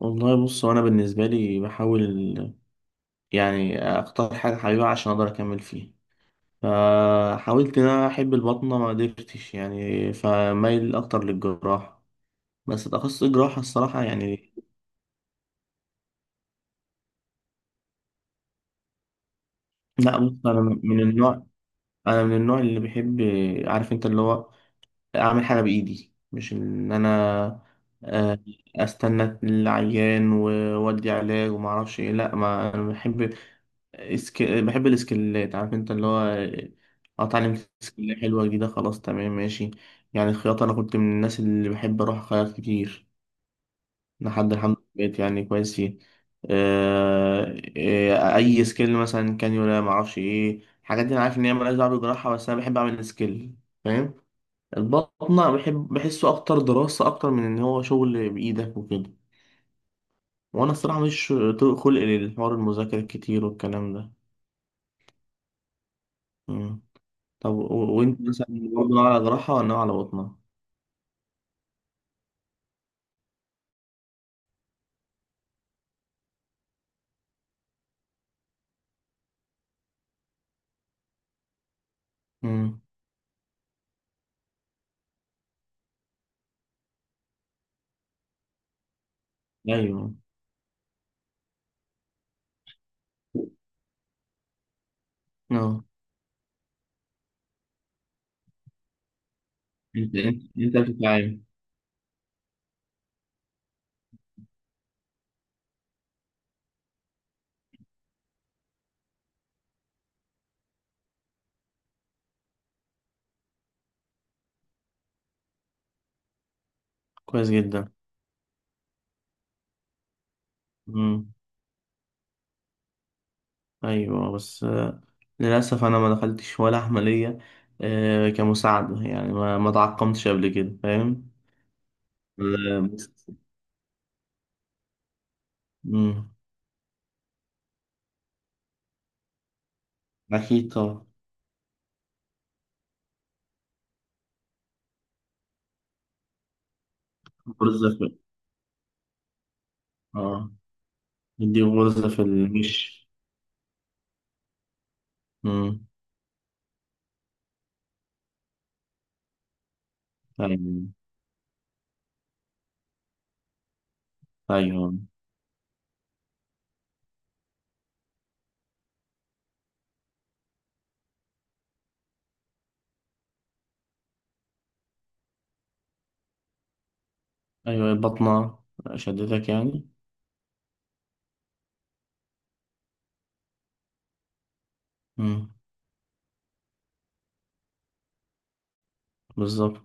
والله بص هو انا بالنسبه لي بحاول يعني اختار حاجه حبيبه عشان اقدر اكمل فيها. فحاولت ان انا احب البطنه ما قدرتش يعني فمايل اكتر للجراحه. بس تخصص الجراحه الصراحه يعني. لا بص انا من النوع اللي بيحب عارف انت اللي هو اعمل حاجه بايدي مش ان انا. آه، استنى العيان وودي علاج وما اعرفش ايه. لا ما انا بحب بحب الاسكلات عارف انت اللي هو اتعلم سكيل حلوه جديده خلاص تمام ماشي. يعني الخياطه انا كنت من الناس اللي بحب اروح اخيط كتير لحد الحمد لله بقيت يعني كويس فيه. اي سكيل مثلا كانيولا ما اعرفش ايه الحاجات دي انا عارف ان هي مالهاش دعوه بالجراحه بس انا بحب اعمل سكيل فاهم. البطنة بحب بحسه أكتر دراسة أكتر من إن هو شغل بإيدك وكده. وأنا الصراحة مش طول خلق للحوار المذاكرة الكتير والكلام ده. مم. طب وأنت مثلا برضه ناوي على جراحة ولا ناوي على بطنة؟ مم. أيوه أه أنت بتتعامل كويس جدا. مم. أيوه بس للأسف أنا ما دخلتش ولا عملية. كمساعدة يعني ما تعقمتش قبل كده فاهم؟ آه، بس- مم. أكيد طبعا برزة اه بدي غرزة في الوش. امم أيوة أيوة أيوة بطنة شدتك يعني. امم بالظبط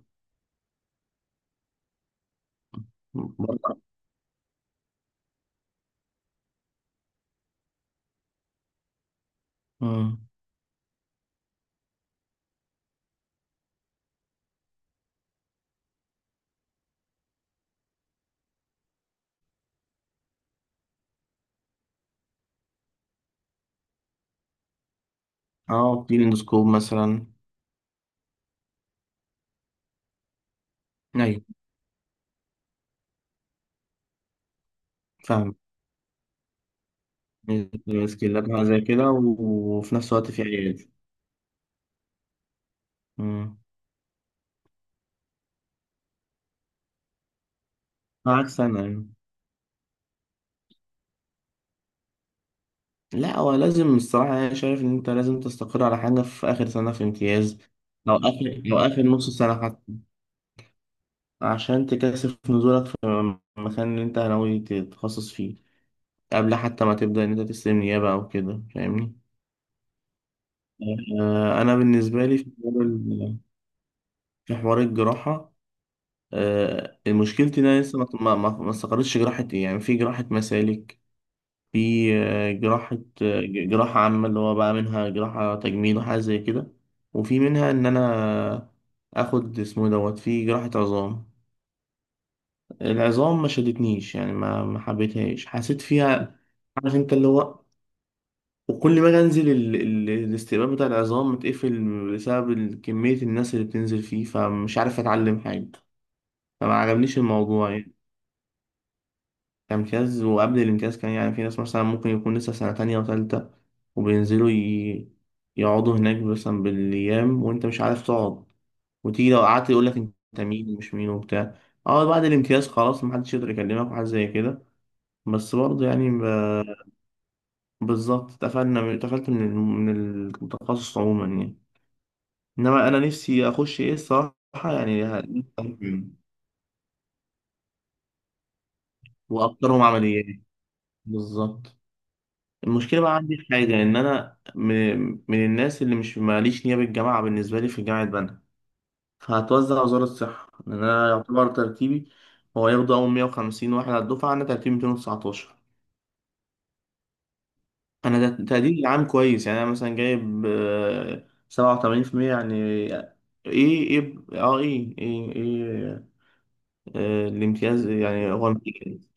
بطنة. امم أه في الاندوسكوب مثلا. أيوة فاهم ماسكين لابها زي كده وفي نفس الوقت في علاج. امم معاك سنة يعني. لا هو لازم الصراحة يعني أنا شايف إن أنت لازم تستقر على حاجة في آخر سنة في امتياز أو آخر أو آخر نص سنة حتى عشان تكثف نزولك في المكان اللي أنت ناوي تتخصص فيه. قبل حتى ما تبدأ إن أنت تستلم نيابة أو كده فاهمني. أنا بالنسبة لي في حوار في حوار الجراحة. مشكلتي إن أنا لسه ما استقرتش جراحة إيه يعني. في جراحة مسالك في جراحة جراحة عامة اللي هو بقى منها جراحة تجميل وحاجة زي كده. وفي منها إن أنا آخد اسمه دوت في جراحة عظام. العظام ما شدتنيش يعني ما حبيتهاش حسيت فيها عارف أنت اللي هو. وكل ما اجي انزل الاستقبال بتاع العظام متقفل بسبب كمية الناس اللي بتنزل فيه فمش عارف اتعلم حاجة. فما عجبنيش الموضوع يعني. امتياز وقبل الامتياز كان يعني في ناس مثلا ممكن يكون لسه سنة تانية وتالتة وبينزلوا يقعدوا هناك مثلا بالأيام وأنت مش عارف تقعد. وتيجي لو قعدت يقول لك أنت مين ومش مين وبتاع. أه بعد الامتياز خلاص محدش يقدر يكلمك وحاجة زي كده. بس برضه يعني بالظبط اتقفلنا اتقفلت من التخصص عموما يعني. انما انا نفسي اخش ايه الصراحه يعني واكثرهم عمليات بالظبط. المشكله بقى عندي في حاجه ان انا من الناس اللي مش ماليش نيابه. الجامعه بالنسبه لي في جامعه بنها فهتوزع وزاره الصحه لان انا يعتبر ترتيبي هو ياخدوا اول 150 واحد على الدفعه انا ترتيبي 219. انا تقديري العام كويس يعني انا مثلا جايب 87% يعني ايه ايه اه ايه ايه, إيه. الامتياز يعني هو امتياز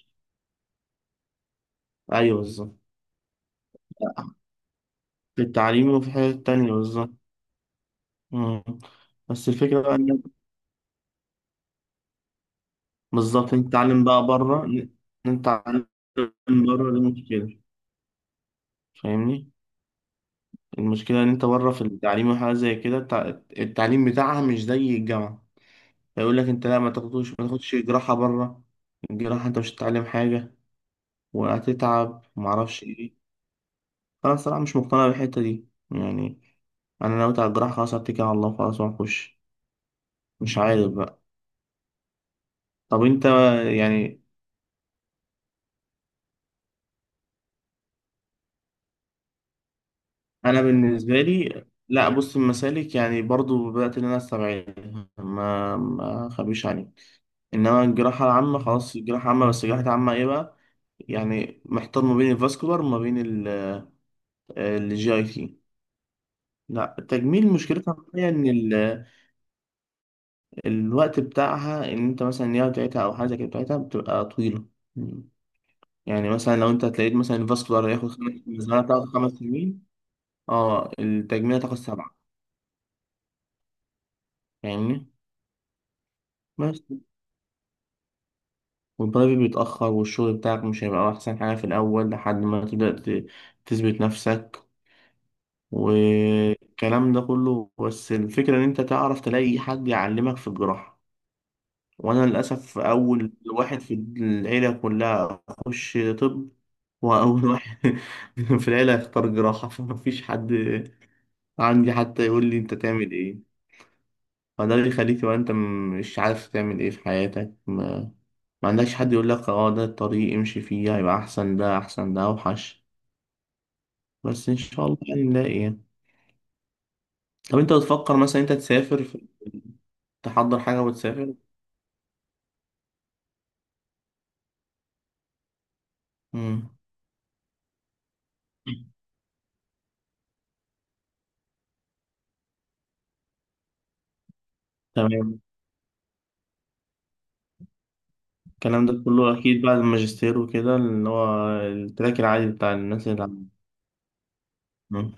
ايوه بالظبط. في التعليم وفي حاجات تانية بالظبط. مم. بس الفكرة بقى إن بالظبط إن تتعلم بقى بره. إن تتعلم بره دي مشكلة فاهمني؟ المشكلة إن أنت بره في التعليم وحاجة زي كده التعليم بتاعها مش زي الجامعة. فيقول لك أنت لا ما تاخدش جراحة بره. الجراحة أنت مش هتتعلم حاجة وهتتعب ومعرفش إيه. أنا الصراحة مش مقتنع بالحتة دي يعني. أنا ناوي على الجراحة خلاص هتكل على الله خلاص وهخش مش عارف بقى. طب أنت يعني انا بالنسبه لي لا بص المسالك يعني برضو بدات ان انا استبعدها ما اخبيش عليك. انما الجراحه العامه خلاص الجراحه العامه بس الجراحه العامه ايه بقى. يعني محتار ما بين الفاسكولار وما بين الجي اي تي. لا التجميل مشكلتها هي ان الوقت بتاعها ان انت مثلا النيابه بتاعتها او حاجه زي كده بتاعتها بتبقى طويله. يعني مثلا لو انت هتلاقيت مثلا الفاسكولار هياخد خمس الزمالة بتاخد خمس سنين. اه التجميل هتاخد سبعه فاهمني. بس والبرايفت بيتأخر والشغل بتاعك مش هيبقى أحسن حاجة في الأول لحد ما تبدأ تثبت نفسك والكلام ده كله. بس الفكرة إن أنت تعرف تلاقي حد يعلمك في الجراحة. وأنا للأسف أول واحد في العيلة كلها أخش طب. وأول واحد في العيلة أختار جراحة فمفيش حد عندي حتى يقول لي أنت تعمل إيه. فده اللي يخليك تبقى أنت مش عارف تعمل إيه في حياتك. ما عندكش حد يقول لك اه ده الطريق امشي فيه هيبقى احسن ده احسن ده اوحش. بس ان شاء الله يعني نلاقي يعني. طب انت بتفكر مثلا انت تسافر تحضر حاجة وتسافر. امم تمام الكلام ده كله اكيد بعد الماجستير وكده اللي هو التراك العادي بتاع الناس مم.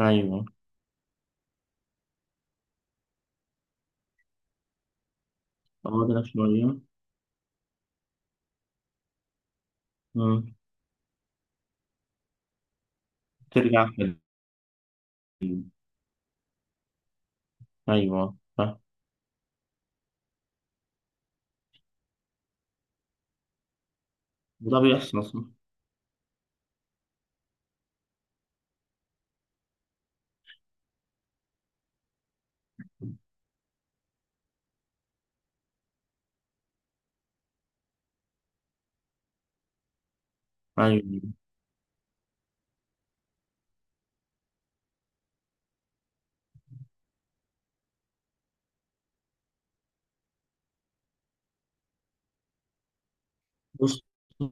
ايوه تقعد لك شوية مم. ترجع حلو ايوه فاهم. وده بيحصل اصلا ايوه بص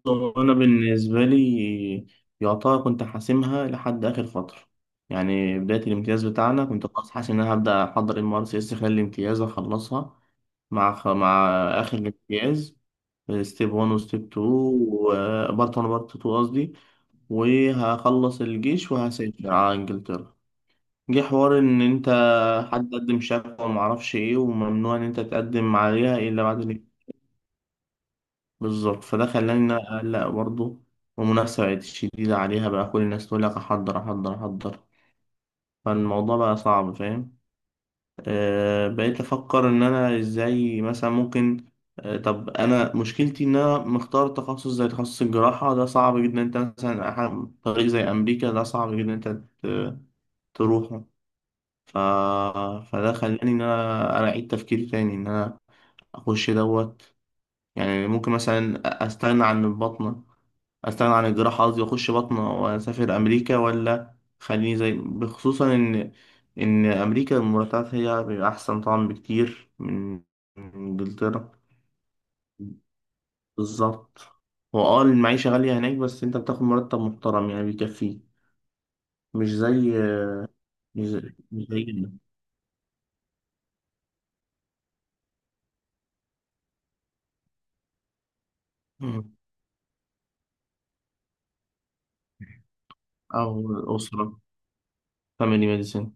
هو انا بالنسبه لي يعتبر كنت حاسمها لحد اخر فتره. يعني بدايه الامتياز بتاعنا كنت خلاص حاسس ان انا هبدا احضر ام ار سي اس خلال الامتياز واخلصها. مع مع اخر الامتياز ستيب 1 وستيب 2 وبارت 1 وبارت 2 قصدي. وهخلص الجيش وهسافر على انجلترا. جه حوار ان انت حد قدم شكوى ومعرفش ايه وممنوع ان انت تقدم عليها الا بعد بالظبط. فده خلاني اقلق برضه والمنافسه بقت شديده عليها بقى كل الناس تقول لك احضر احضر احضر. فالموضوع بقى صعب فاهم. أه بقيت افكر ان انا ازاي مثلا ممكن. أه طب انا مشكلتي ان انا مختار تخصص زي تخصص الجراحه ده صعب جدا انت مثلا طريق زي امريكا ده صعب جدا انت ت- تروحه. ف... فده خلاني ان انا اعيد تفكيري تاني ان انا اخش دوت. يعني ممكن مثلا استغنى عن البطنه. استغنى عن الجراحة قصدي واخش بطنة واسافر امريكا ولا. خليني زي بخصوصا ان امريكا المرتبات هي بيبقى احسن طبعا بكتير من انجلترا بالظبط. هو اه المعيشة غالية هناك بس انت بتاخد مرتب محترم يعني بيكفيك. مش زي مش زينا. مم. او الاسرة فاميلي ميديسين.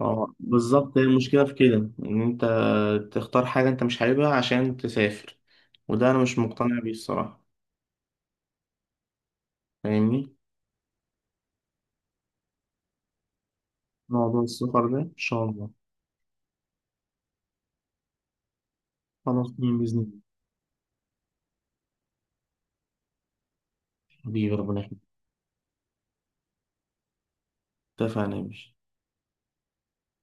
اه بالظبط هي المشكلة في كده ان انت تختار حاجة انت مش حاببها عشان تسافر. وده انا مش مقتنع بيه الصراحة فاهمني. موضوع السفر ده إن شاء الله خلاص بإذن الله حبيبي ربنا يخليك اتفقنا يا باشا.